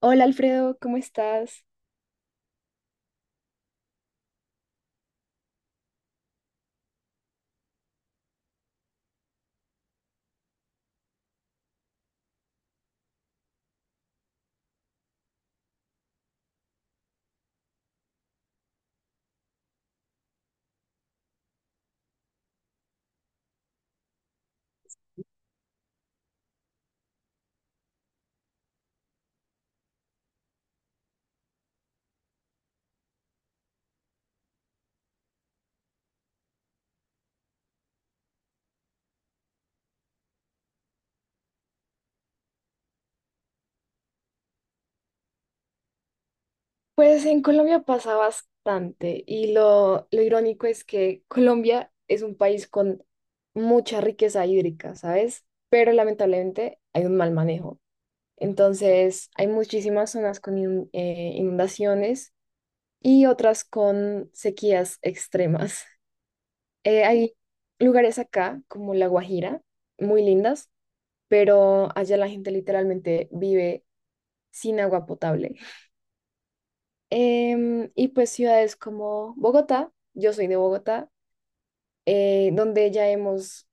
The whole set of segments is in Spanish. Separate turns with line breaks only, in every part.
Hola Alfredo, ¿cómo estás? Pues en Colombia pasa bastante y lo irónico es que Colombia es un país con mucha riqueza hídrica, ¿sabes? Pero lamentablemente hay un mal manejo. Entonces hay muchísimas zonas con inundaciones y otras con sequías extremas. Hay lugares acá como La Guajira, muy lindas, pero allá la gente literalmente vive sin agua potable. Y pues ciudades como Bogotá, yo soy de Bogotá, donde ya hemos,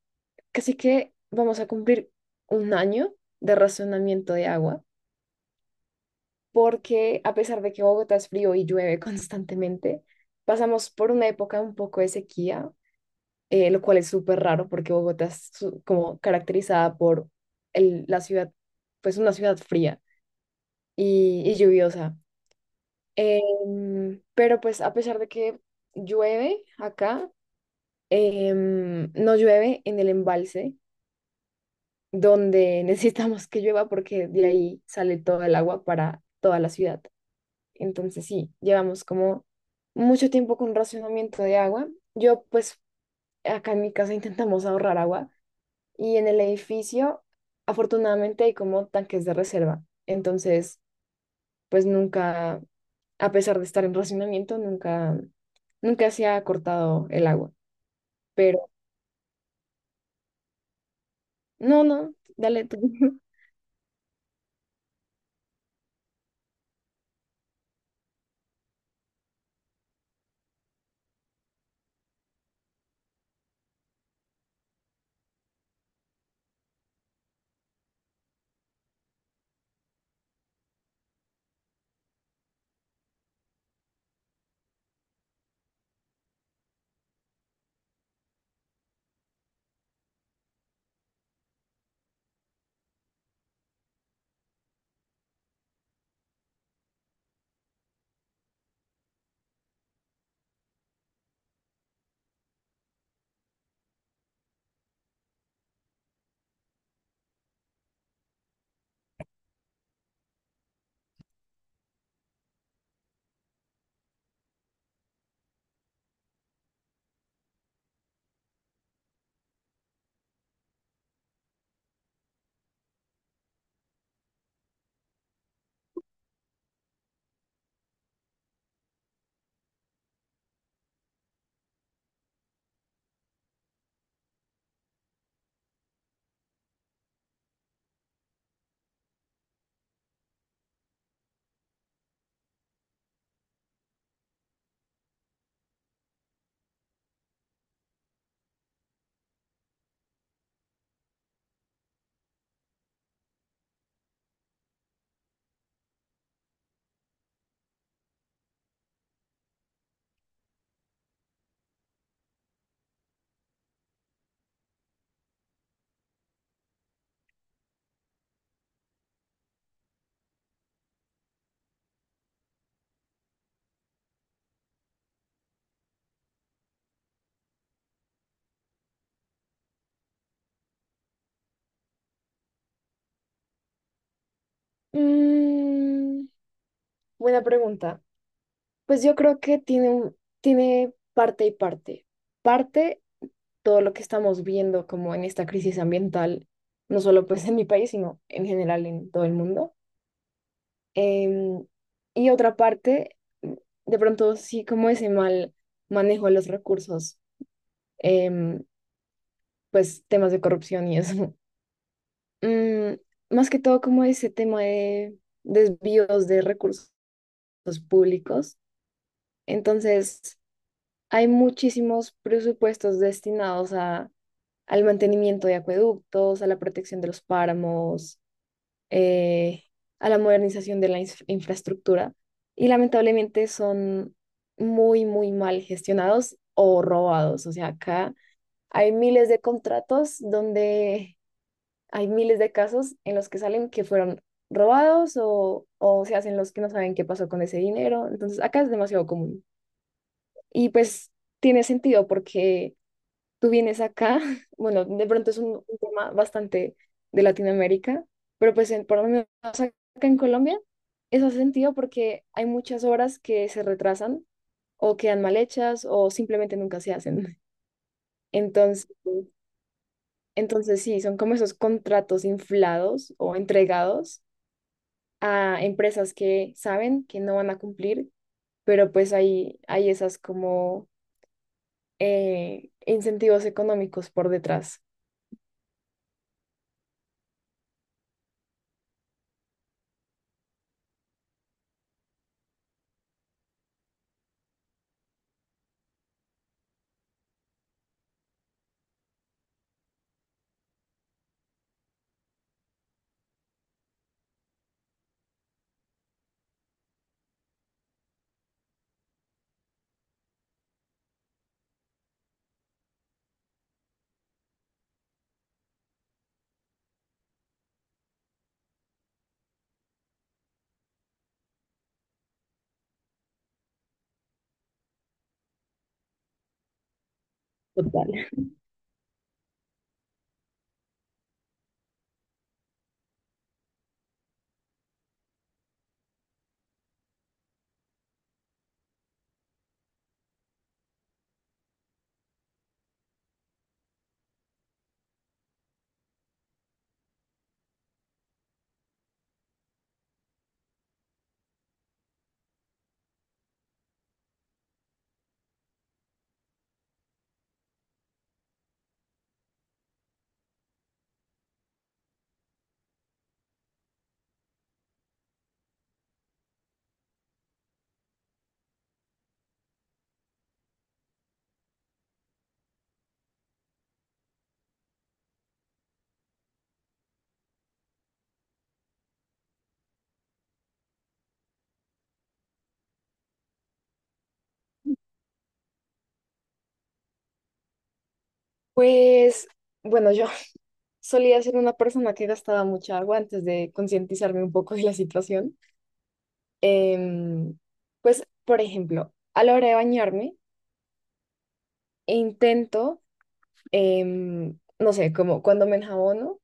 casi que vamos a cumplir un año de racionamiento de agua, porque a pesar de que Bogotá es frío y llueve constantemente, pasamos por una época un poco de sequía, lo cual es súper raro porque Bogotá es como caracterizada por la ciudad, pues una ciudad fría y lluviosa. Em, pero pues a pesar de que llueve acá, Em, no llueve en el embalse donde necesitamos que llueva porque de ahí sale todo el agua para toda la ciudad. Entonces sí, llevamos como mucho tiempo con racionamiento de agua. Yo pues acá en mi casa intentamos ahorrar agua y en el edificio afortunadamente hay como tanques de reserva. Entonces pues nunca, a pesar de estar en racionamiento, nunca, nunca se ha cortado el agua. Pero no, no, dale tú. Mm, buena pregunta. Pues yo creo que tiene parte y parte. Parte, todo lo que estamos viendo como en esta crisis ambiental, no solo pues en mi país, sino en general en todo el mundo. Em, y otra parte, mm, de pronto sí como ese mal manejo de los recursos, em, pues temas de corrupción y eso. Mm, más que todo como ese tema de desvíos de recursos públicos. Entonces, hay muchísimos presupuestos destinados al mantenimiento de acueductos, a la protección de los páramos, eh, a la modernización de la infraestructura y lamentablemente son muy mal gestionados o robados. O sea, acá hay miles de contratos donde hay miles de casos en los que salen que fueron robados o se hacen los que no saben qué pasó con ese dinero. Entonces, acá es demasiado común. Y pues tiene sentido porque tú vienes acá, bueno, de pronto es un tema bastante de Latinoamérica, pero pues en, por lo menos acá en Colombia, eso hace sentido porque hay muchas obras que se retrasan o quedan mal hechas o simplemente nunca se hacen. Entonces, entonces sí, son como esos contratos inflados o entregados a empresas que saben que no van a cumplir, pero pues hay esas como incentivos económicos por detrás. Total. Pues bueno, yo solía ser una persona que gastaba mucha agua antes de concientizarme un poco de la situación. Em, pues, por ejemplo, a la hora de bañarme, intento, no sé, como cuando me enjabono,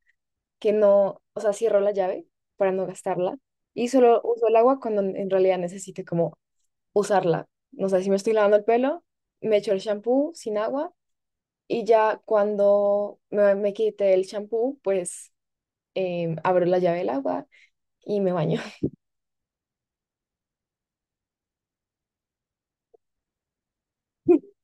que no, o sea, cierro la llave para no gastarla y solo uso el agua cuando en realidad necesite como usarla. No sé, si me estoy lavando el pelo, me echo el shampoo sin agua. Y ya cuando me quité el champú, pues abro la llave del agua y me baño.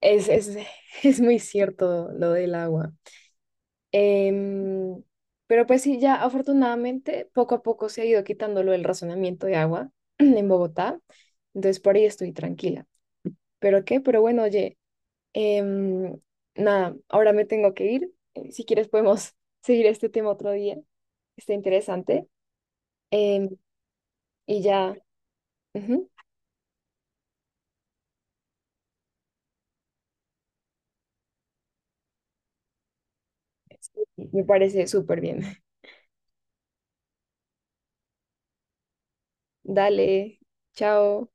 Es, es, es muy cierto lo del agua. Em, pero pues sí, ya afortunadamente poco a poco se ha ido quitando lo del razonamiento de agua en Bogotá. Entonces por ahí estoy tranquila. ¿Pero qué? Pero bueno, oye, em, nada, ahora me tengo que ir. Si quieres podemos seguir este tema otro día. Está interesante. Em, y ya. Ujú. Sí, me parece súper bien. Dale, chao.